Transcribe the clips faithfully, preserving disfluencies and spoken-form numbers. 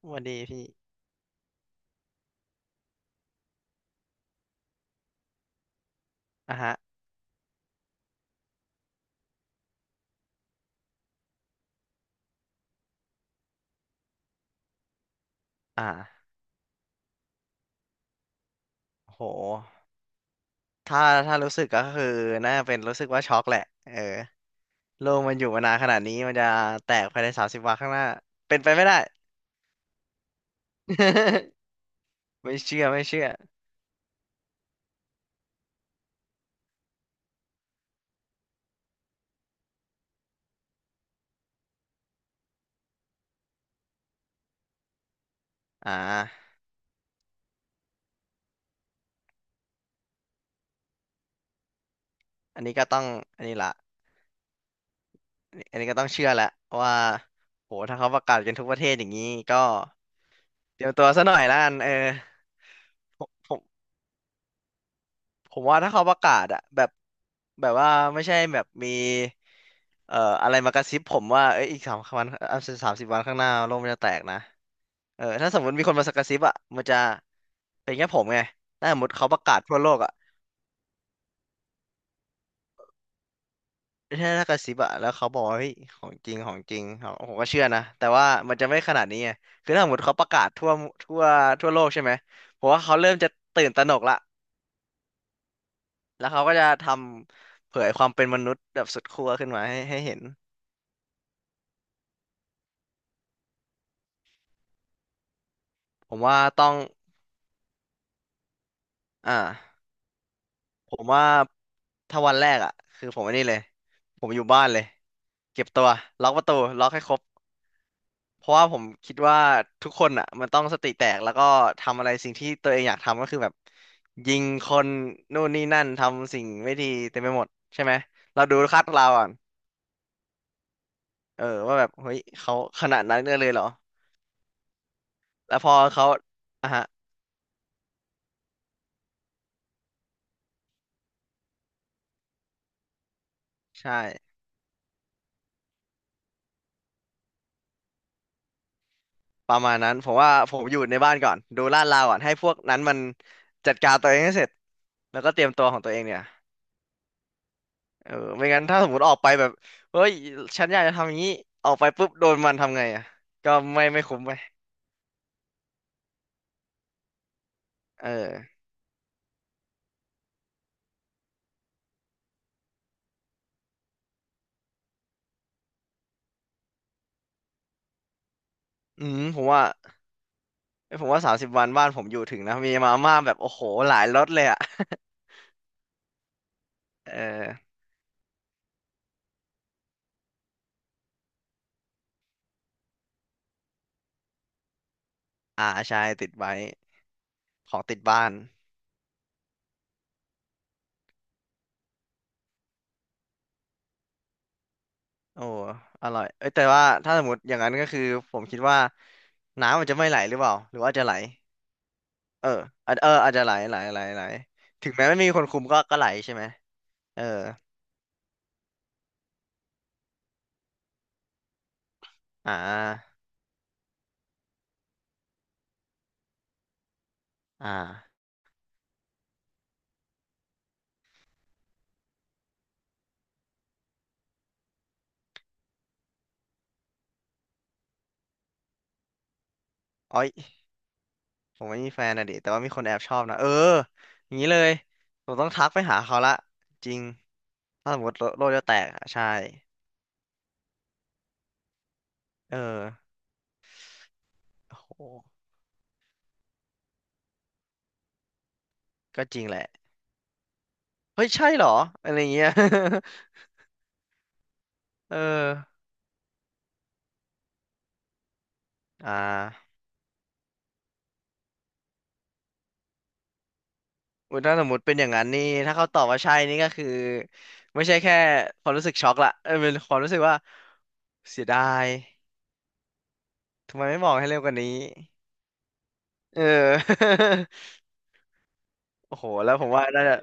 สวัสดีพี่อ่ะฮะอ่าโหถ้าถ้ารู้สึกก็คือน่าเป็นรู้สึกว่าช็อกแหละเออโลกมันอยู่มานานขนาดนี้มันจะแตกภายในสามสิบวันข้างหน้าเป็นไปไม่ได้ ไม่เชื่อไม่เชื่ออ่าอันนี้ก็ต้องอันนี้ละอันนี้ก็ต้องเชื่อแหละว่าโหถ้าเขาประกาศกันทุกประเทศอย่างนี้ก็เตรียมตัวซะหน่อยละกันเออผมผม ผมว่าถ้าเขาประกาศอะแบบแบบว่าไม่ใช่แบบมีเอ่ออะไรมากระซิบผมว่าเอ้ยอีกสามวันสามสิบวันข้างหน้าโลกมันจะแตกนะเออถ้าสมมติมีคนมากระซิบอะมันจะเป็นแค่ผมไงถ้าสมมติเขาประกาศทั่วโลกอะถ้าถ้ากระซิบอะแล้วเขาบอกว่าเฮ้ยของจริงของจริงผมก็เชื่อนะแต่ว่ามันจะไม่ขนาดนี้ไงคือถ้าสมมติเขาประกาศทั่วทั่วทั่วโลกใช่ไหมผมว่าเขาเริ่มจะตื่นตระหนกละแล้วเขาก็จะทำเผยความเป็นมนุษย์แบบสุดขั้วขึ้นมาให้ให้เห็น ผมว่าต้องอ่าผมว่าถ้าวันแรกอ่ะคือผมไอันนี้เลยผมอยู่บ้านเลยเก็บตัวล็อกประตูล็อกให้ครบ เพราะว่าผมคิดว่าทุกคนอ่ะมันต้องสติแตกแล้วก็ทำอะไรสิ่งที่ตัวเองอยากทำก็คือแบบยิงคนนู่นนี่นั่นทำสิ่งไม่ดีเต็มไปหมดใช่ไหมเราดูคาดเราก่อนเออว่าแบบเฮ้ยเขาขนาดนั้นเลยเหรอแล้วพอเขาอ่ะฮะใช่ ประมาณนั้นผมว่าผมอยู่ในบ้านก่อนดูลาดราวก่อนให้พวกนั้นมันจัดการตัวเองให้เสร็จแล้วก็เตรียมตัวของตัวเองเนี่ยเออไม่งั้นถ้าสมมติออกไปแบบเฮ้ยฉันอยากจะทำอย่างนี้ออกไปปุ๊บโดนมันทำไงอ่ะก็ไม่ไม่คุ้มไปเอออืมผมว่าผมว่าสามสิบวันบ้านผมอยู่ถึงนะมีมาม่าแบบโอ้โหหลายรสเลยอ่ะเอออ่าใช่ติดไว้ของติดบ้านโอ้อร่อยเอ้ยแต่ว่าถ้าสมมติอย่างนั้นก็คือผมคิดว่าน้ำมันจะไม่ไหลหรือเปล่าหรือว่าจะไหล เอออาจเอออาจจะไหลไหลไหลไหลถึงแม้ไม่มีคนคุมก็ก็ไหลใช่ไหมเอออ่าอ่าอ้อยผมไม่มีแฟนนะดิแต่ว่ามีคนแอบชอบนะเอออย่างนี้เลย ผมต้องทักไปหาเขาละจริงถ้าสมมติโลโลกจะแตกอะใช่เออโอ้โหก็จริงแหละเฮ้ยใช่เหรออะไรเงี้ย เอออ่าอุ๊ยถ้าสมมติเป็นอย่างนั้นนี่ถ้าเขาตอบว่าใช่นี่ก็คือไม่ใช่แค่ความรู้สึกช็อกละเออเป็นความรู้สึกว่าเสียดาย ทำไมไม่บอกให้เร็วกว่านี้เออ โอ้โหแล้วผมว่าน่าจะ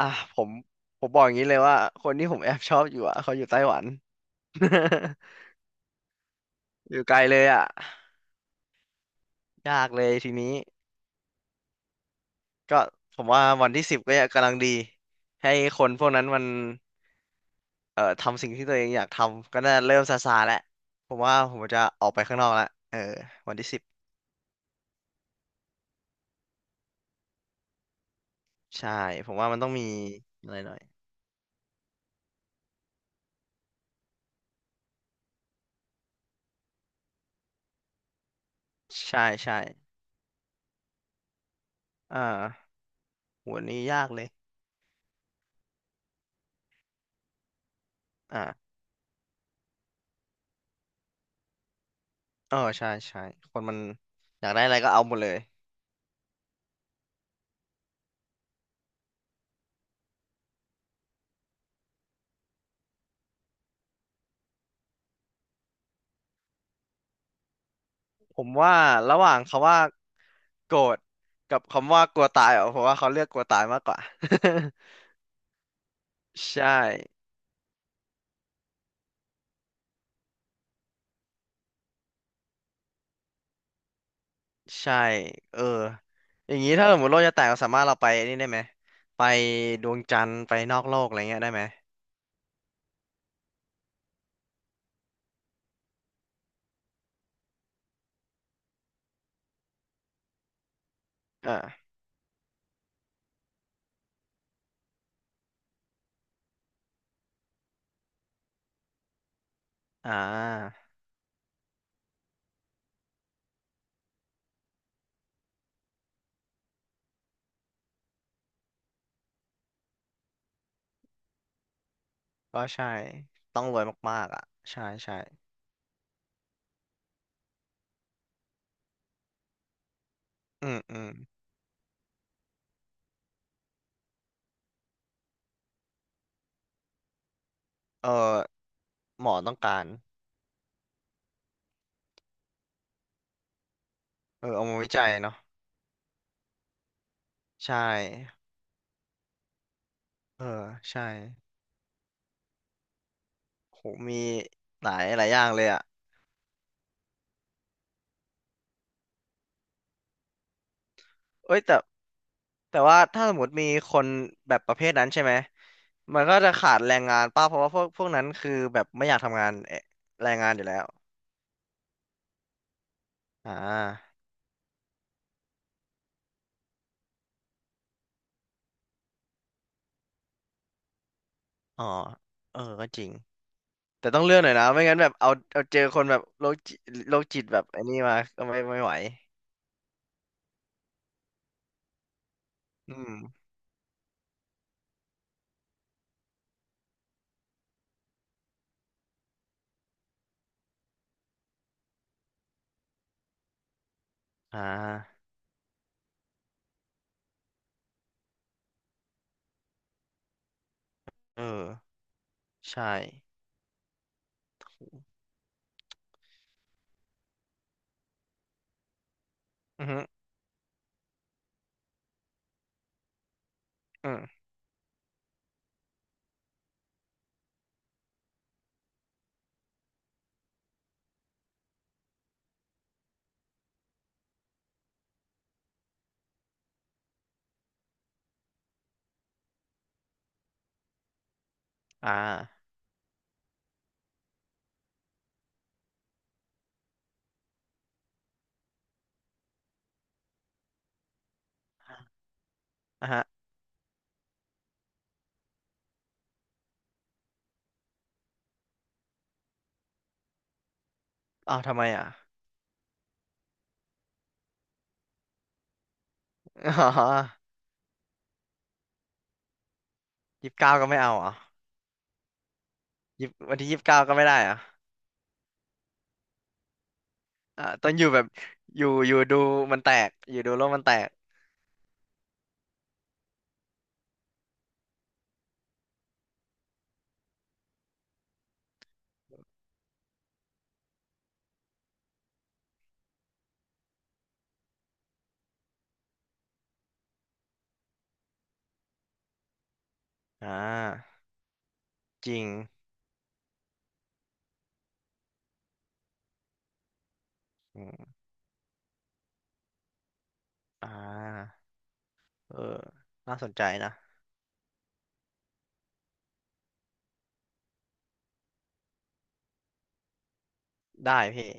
อ่ะผมผมบอกอย่างนี้เลยว่าคนที่ผมแอบชอบอยู่อ่ะเขาอยู่ไต้หวัน อยู่ไกลเลยอ่ะยากเลยทีนี้ก็ผมว่าวันที่สิบก็ยังกำลังดีให้คนพวกนั้นมันเอ่อทำสิ่งที่ตัวเองอยากทำก็น่าเริ่มซาซาแล้วผมว่าผมจะออกไปข้างนอกแล้วเออวันที่สิบใช่ผมว่ามันต้องมีอะไรหน่อยใช่ใช่อ่าหัวนี้ยากเลยอ่า เออใช่ใช่คนมันอยากได้อะไรก็เอาหมดเลยผมว่าระหว่างคำว่าโกรธกับคำว่ากลัวตายอ่ะผมว่าเขาเลือกกลัวตายมากกว่า ใช่ใช่เอออย่างนี้ถ้าสมมติโลกจะแตกเราสามารถเราไปนี่ได้ไหมไปดวงจันทร์ไปนอกโลกอะไรเงี้ยได้ไหมเอ่อ่าก็ใช่ต้องรวยมากๆอ่ะใช่ใช่อืมอืมเออหมอต้องการเออเอามาวิจัยเนาะใช่เออใช่ โหมีหลายหลายอย่างเลยอ่ะเอ้ยแต่แต่ว่าถ้าสมมติมีคนแบบประเภทนั้นใช่ไหม มันก็จะขาดแรงงานป้าเพราะว่าพวกพวกนั้นคือแบบไม่อยากทำงานเอ่อแรงงานอยู่แล้วอ่าอ๋อเออก็จริง แต่ต้องเลือกหน่อยนะไม่งั้นแบบเอาเอาเจอคนแบบโรคจิตโรคจิตแบบไอ้นี่มาก็ไม่ไม่ไหว อืมอ่าเออ ใช่ อือฮึอืมอ่าอ่ะฮะอ้าวทำไมอ่ะ อ๋อยี่สิบเก้าก็ไม่เอาเหรอ ยี่สิบวันที่ยี่สิบเก้าก็ไม่ได้เหรอ่ะอ่าต้องอยู่แบบอยู่อยู่ดูมันแตกอยู่ดูโลกมันแตก อ่าจริงอมอ่าเออน่าสนใจนะได้พี่